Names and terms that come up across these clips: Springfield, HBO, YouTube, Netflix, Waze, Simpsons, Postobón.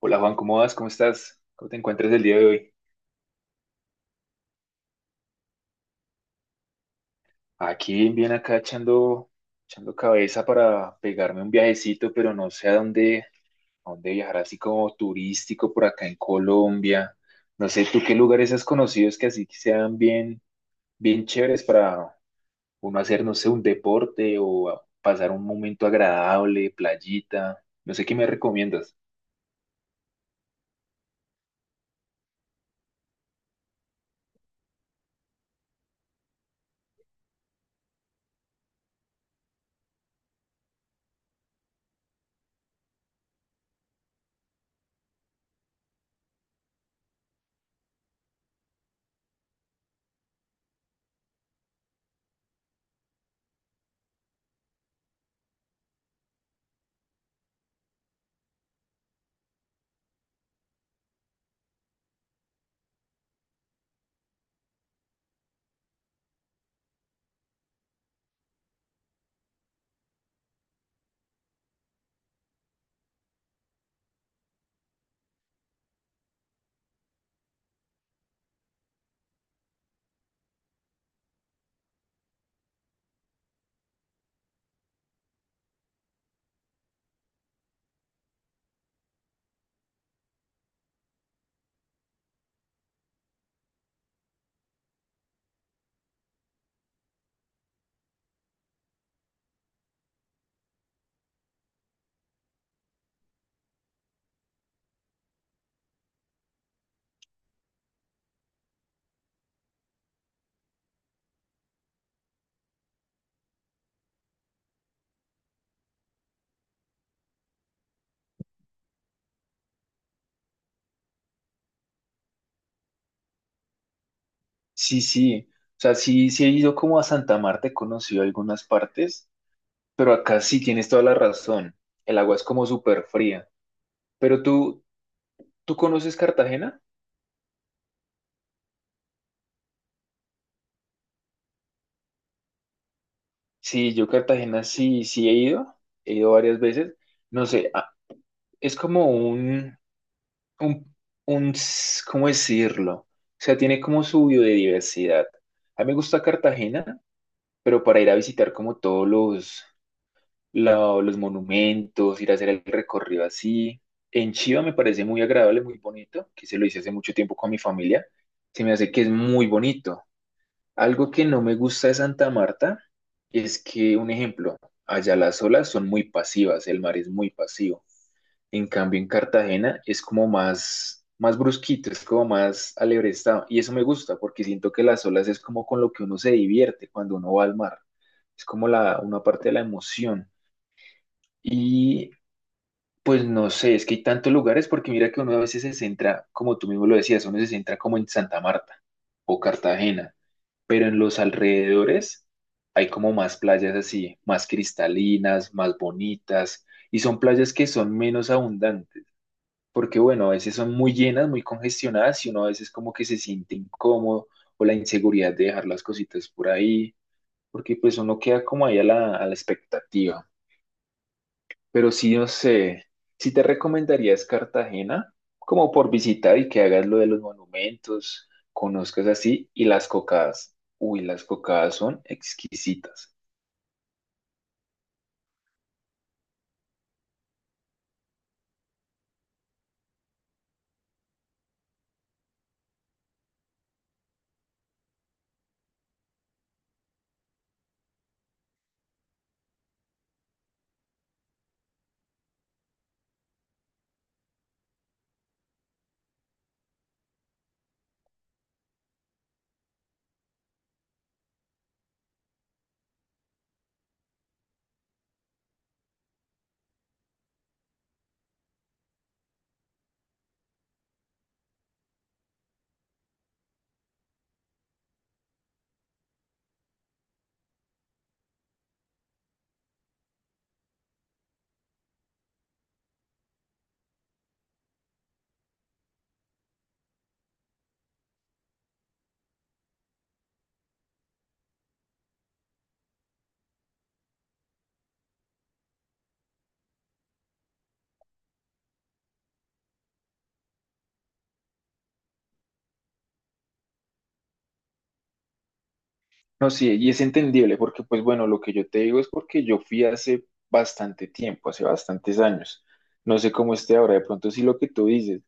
Hola Juan, ¿cómo vas? ¿Cómo estás? ¿Cómo te encuentras el día de hoy? Aquí bien acá echando, echando cabeza para pegarme un viajecito, pero no sé a dónde viajar así como turístico por acá en Colombia. No sé, ¿tú qué lugares has conocido que así sean bien, bien chéveres para uno hacer, no sé, un deporte o pasar un momento agradable, playita? No sé qué me recomiendas. Sí, sí. O sea, sí, sí he ido como a Santa Marta, he conocido algunas partes. Pero acá sí tienes toda la razón. El agua es como súper fría. Pero tú, ¿tú conoces Cartagena? Sí, yo Cartagena sí, sí he ido. He ido varias veces. No sé, es como un, un, ¿cómo decirlo? O sea, tiene como su biodiversidad. A mí me gusta Cartagena, pero para ir a visitar como todos los monumentos, ir a hacer el recorrido así. En Chiva me parece muy agradable, muy bonito, que se lo hice hace mucho tiempo con mi familia. Se me hace que es muy bonito. Algo que no me gusta de Santa Marta es que, un ejemplo, allá las olas son muy pasivas, el mar es muy pasivo. En cambio, en Cartagena es como más, más brusquito, es como más alebrestado. Y eso me gusta porque siento que las olas es como con lo que uno se divierte cuando uno va al mar. Es como una parte de la emoción. Y pues no sé, es que hay tantos lugares porque mira que uno a veces se centra, como tú mismo lo decías, uno se centra como en Santa Marta o Cartagena, pero en los alrededores hay como más playas así, más cristalinas, más bonitas, y son playas que son menos abundantes, porque bueno, a veces son muy llenas, muy congestionadas y uno a veces como que se siente incómodo o la inseguridad de dejar las cositas por ahí, porque pues uno queda como ahí a la expectativa. Pero sí, no sé, si te recomendarías Cartagena, como por visitar y que hagas lo de los monumentos, conozcas así, y las cocadas. Uy, las cocadas son exquisitas. No sí y es entendible porque, pues bueno, lo que yo te digo es porque yo fui hace bastante tiempo, hace bastantes años. No sé cómo esté ahora, de pronto sí lo que tú dices.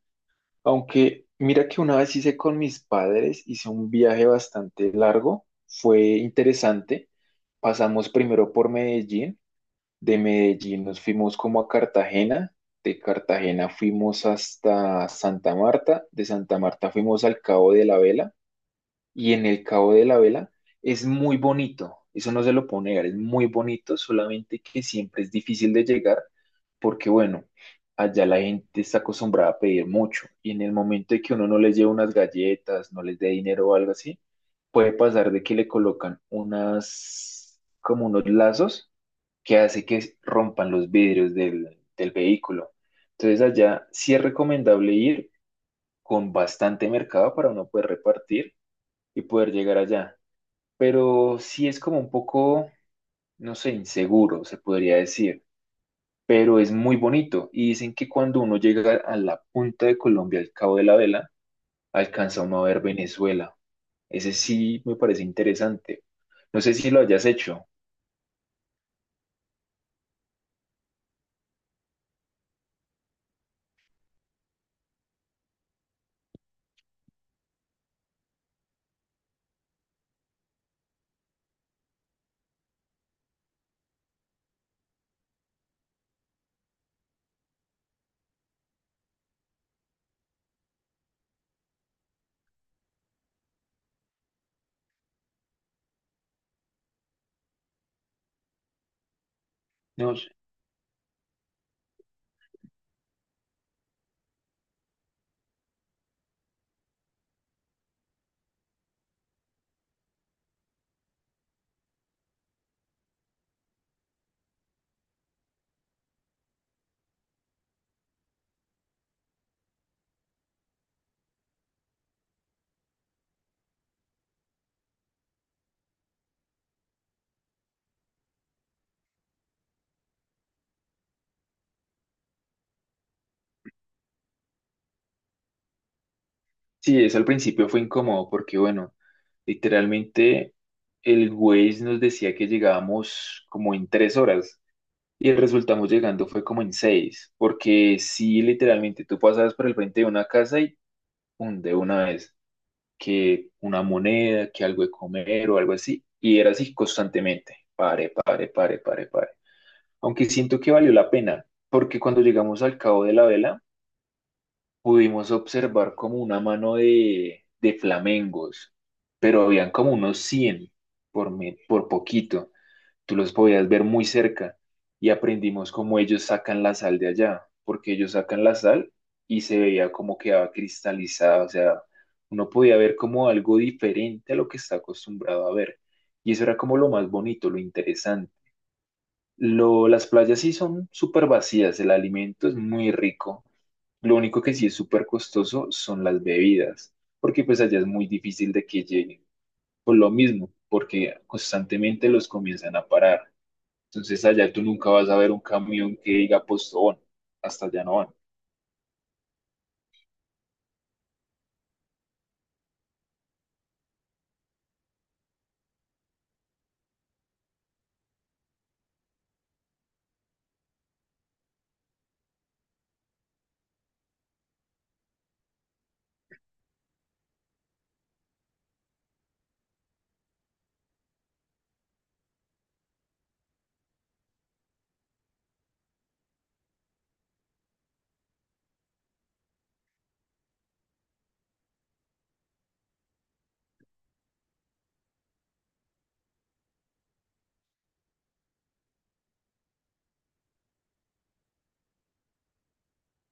Aunque mira que una vez hice con mis padres, hice un viaje bastante largo, fue interesante. Pasamos primero por Medellín. De Medellín nos fuimos como a Cartagena, de Cartagena fuimos hasta Santa Marta, de Santa Marta fuimos al Cabo de la Vela y en el Cabo de la Vela es muy bonito, eso no se lo puedo negar, es muy bonito, solamente que siempre es difícil de llegar porque bueno, allá la gente está acostumbrada a pedir mucho y en el momento de que uno no les lleve unas galletas, no les dé dinero o algo así, puede pasar de que le colocan unas como unos lazos que hace que rompan los vidrios del vehículo. Entonces allá sí es recomendable ir con bastante mercado para uno poder repartir y poder llegar allá. Pero sí es como un poco, no sé, inseguro, se podría decir. Pero es muy bonito. Y dicen que cuando uno llega a la punta de Colombia, al Cabo de la Vela, alcanza uno a ver Venezuela. Ese sí me parece interesante. No sé si lo hayas hecho. No. Sí, eso al principio fue incómodo porque, bueno, literalmente el Waze nos decía que llegábamos como en 3 horas y resultamos llegando fue como en seis, porque sí, literalmente tú pasabas por el frente de una casa y pum, de una vez, que una moneda, que algo de comer o algo así, y era así constantemente, pare, pare, pare, pare, pare. Aunque siento que valió la pena, porque cuando llegamos al Cabo de la Vela, pudimos observar como una mano de flamengos, pero habían como unos 100 por, por poquito. Tú los podías ver muy cerca y aprendimos cómo ellos sacan la sal de allá, porque ellos sacan la sal y se veía como quedaba cristalizada, o sea, uno podía ver como algo diferente a lo que está acostumbrado a ver. Y eso era como lo más bonito, lo interesante. Lo, las playas sí son súper vacías, el alimento es muy rico. Lo único que sí es súper costoso son las bebidas, porque pues allá es muy difícil de que lleguen. Por lo mismo, porque constantemente los comienzan a parar. Entonces allá tú nunca vas a ver un camión que diga Postobón, hasta allá no van.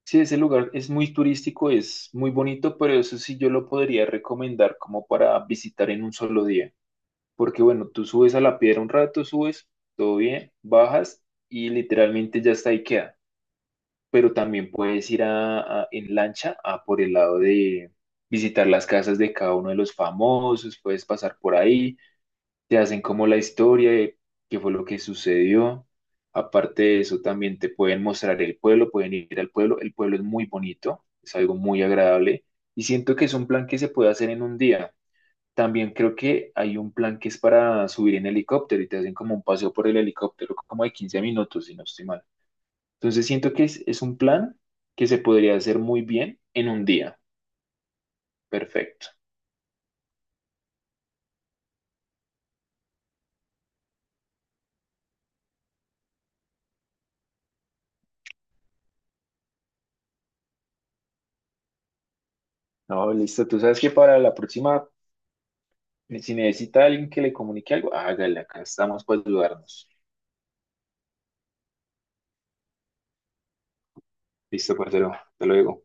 Sí, ese lugar es muy turístico, es muy bonito, pero eso sí yo lo podría recomendar como para visitar en un solo día. Porque bueno, tú subes a la piedra un rato, subes, todo bien, bajas y literalmente ya está ahí queda. Pero también puedes ir en lancha a por el lado de visitar las casas de cada uno de los famosos, puedes pasar por ahí, te hacen como la historia de qué fue lo que sucedió. Aparte de eso, también te pueden mostrar el pueblo, pueden ir al pueblo. El pueblo es muy bonito, es algo muy agradable y siento que es un plan que se puede hacer en un día. También creo que hay un plan que es para subir en helicóptero y te hacen como un paseo por el helicóptero como de 15 minutos, si no estoy mal. Entonces siento que es un plan que se podría hacer muy bien en un día. Perfecto. No, listo. Tú sabes que para la próxima, si necesita alguien que le comunique algo, hágale, acá estamos para ayudarnos. Listo, parcero. Hasta luego.